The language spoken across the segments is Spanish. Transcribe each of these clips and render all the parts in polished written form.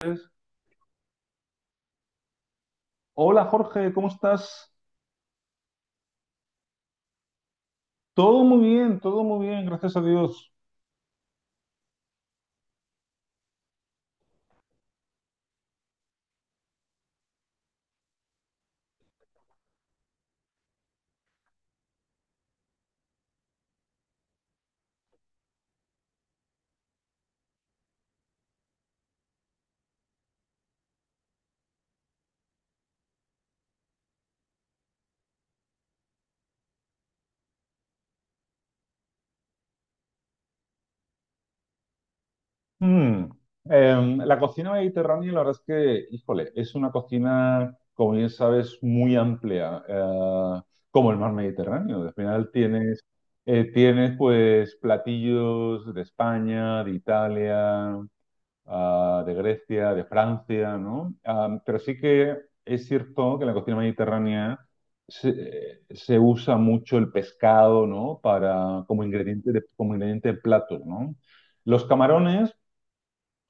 Pues, hola Jorge, ¿cómo estás? Todo muy bien, gracias a Dios. Mm, la cocina mediterránea, la verdad es que, híjole, es una cocina, como bien sabes, muy amplia, como el mar Mediterráneo. Al final tienes pues platillos de España, de Italia, de Grecia, de Francia, ¿no? Pero sí que es cierto que en la cocina mediterránea se usa mucho el pescado, ¿no? Para, como ingrediente de platos, ¿no? Los camarones,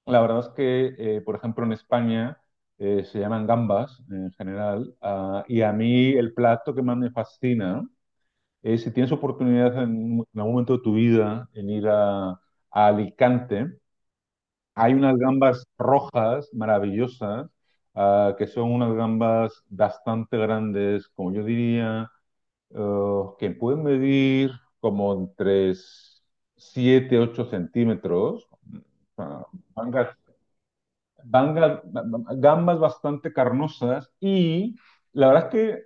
la verdad es que, por ejemplo, en España se llaman gambas en general, y a mí el plato que más me fascina es si tienes oportunidad en algún momento de tu vida en ir a Alicante, hay unas gambas rojas maravillosas, que son unas gambas bastante grandes, como yo diría, que pueden medir como entre 7 8 centímetros. Ah, vangas- vangas- Gambas bastante carnosas y la verdad es que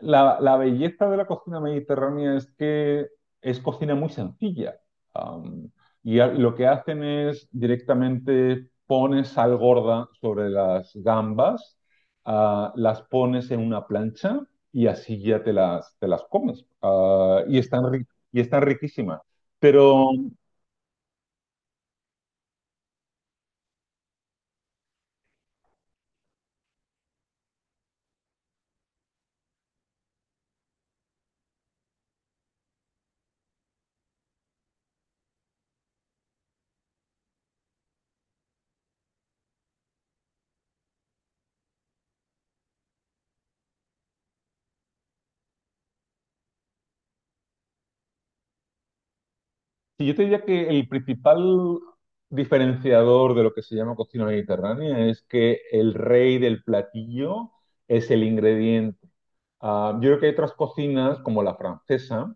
la belleza de la cocina mediterránea es que es cocina muy sencilla. Am, lo que hacen es directamente pones sal gorda sobre las gambas, las pones en una plancha y así ya te las comes. Y están riquísimas. Pero sí, yo te diría que el principal diferenciador de lo que se llama cocina mediterránea es que el rey del platillo es el ingrediente. Yo creo que hay otras cocinas, como la francesa,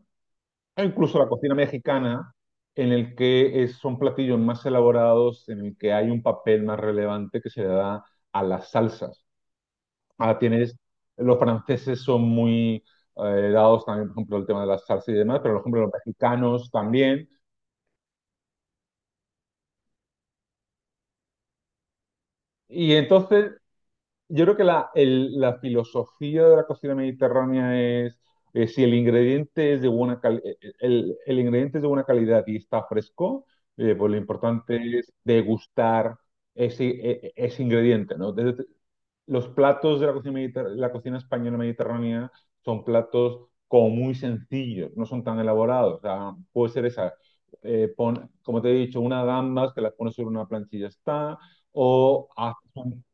o incluso la cocina mexicana, en el que son platillos más elaborados, en el que hay un papel más relevante que se le da a las salsas. Ah, tienes, los franceses son muy dados también, por ejemplo, el tema de las salsas y demás, pero, por ejemplo, los mexicanos también. Y entonces yo creo que la filosofía de la cocina mediterránea es, si el ingrediente es de el ingrediente es de buena calidad y está fresco, pues lo importante es degustar ese ingrediente, ¿no? Los platos de la la cocina española mediterránea son platos como muy sencillos, no son tan elaborados. O sea, puede ser esa, como te he dicho, una gambas que las pones sobre una planchilla está, o haz un...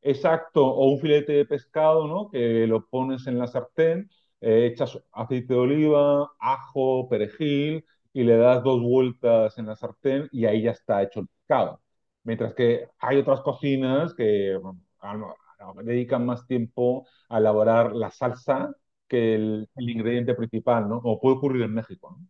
Exacto, o un filete de pescado, ¿no? Que lo pones en la sartén, echas aceite de oliva, ajo, perejil y le das dos vueltas en la sartén y ahí ya está hecho el pescado. Mientras que hay otras cocinas que bueno, dedican más tiempo a elaborar la salsa que el ingrediente principal, ¿no? Como puede ocurrir en México, ¿no?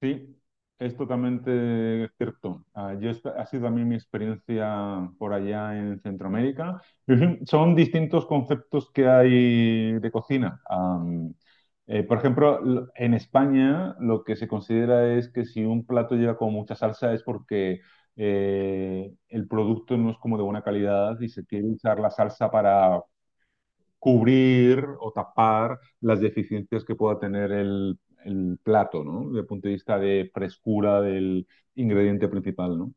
Sí, es totalmente cierto. Ha sido también mi experiencia por allá en Centroamérica. Pero sí, son distintos conceptos que hay de cocina. Por ejemplo, en España lo que se considera es que si un plato lleva como mucha salsa es porque el producto no es como de buena calidad y se quiere usar la salsa cubrir o tapar las deficiencias que pueda tener el plato, ¿no? Desde el punto de vista de frescura del ingrediente principal, ¿no?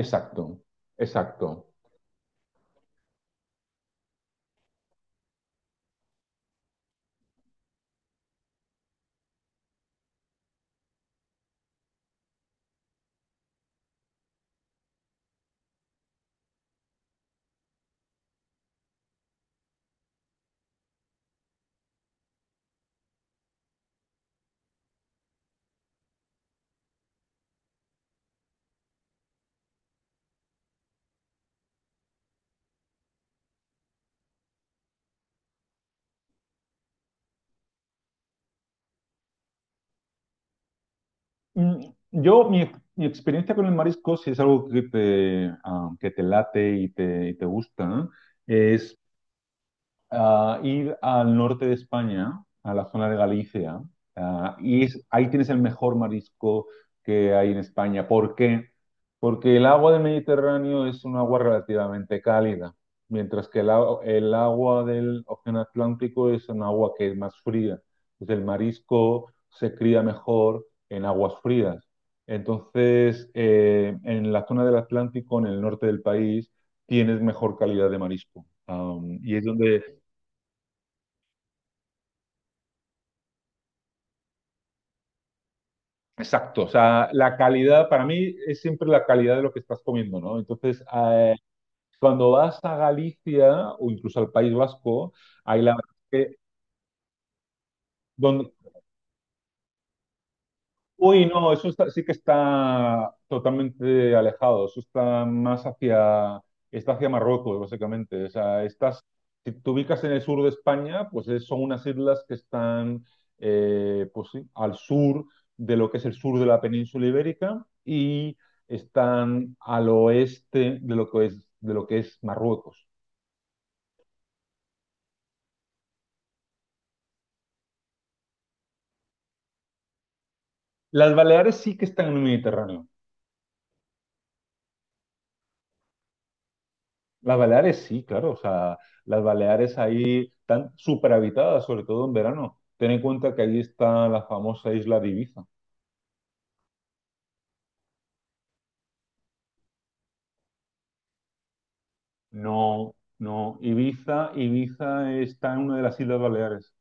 Exacto, exacto. Mm, Mi experiencia con el marisco, si es algo que que te late y y te gusta, ¿no? Ir al norte de España, a la zona de Galicia, ahí tienes el mejor marisco que hay en España. ¿Por qué? Porque el agua del Mediterráneo es un agua relativamente cálida, mientras que el agua del Océano Atlántico es un agua que es más fría. Entonces el marisco se cría mejor en aguas frías. Entonces, en la zona del Atlántico, en el norte del país, tienes mejor calidad de marisco. Am, y es donde Exacto, o sea, la calidad para mí es siempre la calidad de lo que estás comiendo, ¿no? Entonces, cuando vas a Galicia o incluso al País Vasco, ahí la verdad es que... don- no, eso está... sí que está totalmente alejado. Eso está más hacia, está hacia Marruecos, básicamente. O sea, estás, si te ubicas en el sur de España, pues son unas islas que están, pues sí, al sur de lo que es el sur de la península ibérica y están al oeste de lo que es, de lo que es Marruecos. Las Baleares sí que están en el Mediterráneo. Las Baleares sí, claro, o sea, las Baleares ahí están súper habitadas, sobre todo en verano. Ten en cuenta que ahí está la famosa isla de Ibiza. No, no, Ibiza, Ibiza está en una de las Islas Baleares.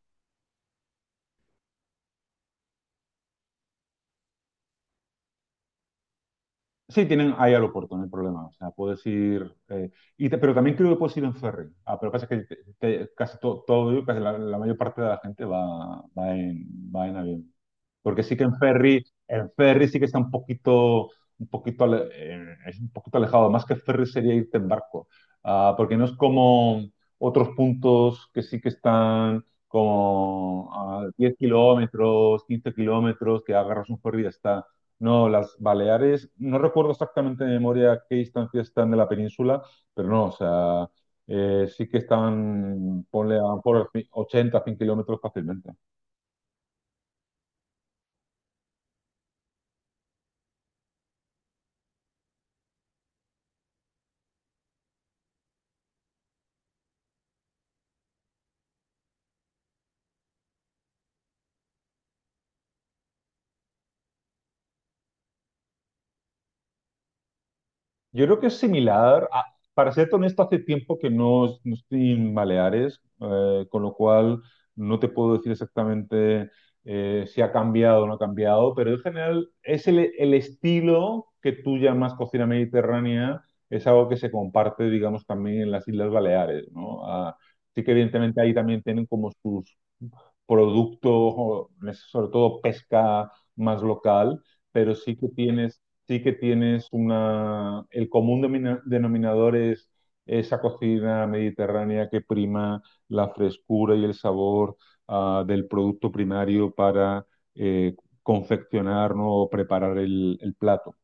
Sí, tienen ahí aeropuerto, no hay problema. O sea, puedes ir. Y pero también creo que puedes ir en ferry. Ah, pero pasa que casi todo, casi la mayor parte de la gente va, va en avión. Porque sí que en ferry sí que está un poquito, es un poquito alejado. Más que ferry sería irte en barco. Ah, porque no es como otros puntos que sí que están como a 10 kilómetros, 15 kilómetros, que agarras un ferry y ya está. No, las Baleares, no recuerdo exactamente de memoria qué distancia están de la península, pero no, o sea, sí que están, ponle a lo mejor 80, 100 kilómetros fácilmente. Yo creo que es similar. Para ser honesto, hace tiempo que no estoy en Baleares, con lo cual no te puedo decir exactamente si ha cambiado o no ha cambiado, pero en general es el estilo que tú llamas cocina mediterránea, es algo que se comparte, digamos, también en las Islas Baleares, ¿no? Sí que evidentemente ahí también tienen como sus producto, o en sobre todo pesca más local, pero sí que tienes una, el común denominador es esa cocina mediterránea que prima la frescura y el sabor, del producto primario para eh, confeccionar, ¿no? O preparar el plato.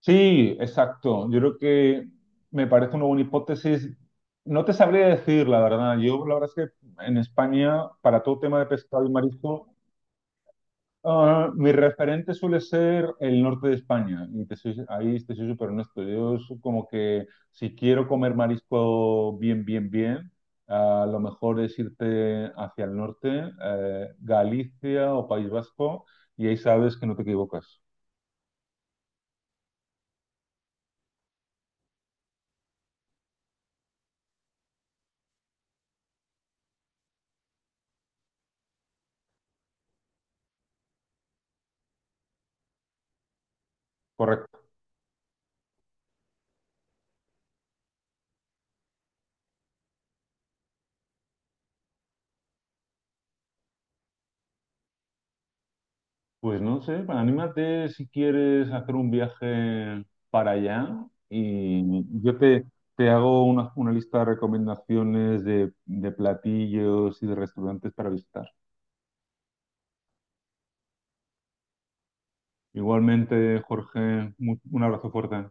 Sí, exacto. Yo creo que me parece una buena hipótesis. No te sabría decir, la verdad. Yo, la verdad es que en España, para todo tema de pescado y marisco, mi referente suele ser el norte de España. Y ahí te soy súper honesto. Yo es como que si quiero comer marisco bien, bien, bien, lo mejor es irte hacia el norte, Galicia o País Vasco, y ahí sabes que no te equivocas. Correcto. Pues no sé, anímate si quieres hacer un viaje para allá y yo te, te hago una lista de recomendaciones de platillos y de restaurantes para visitar. Igualmente, Jorge, un abrazo fuerte.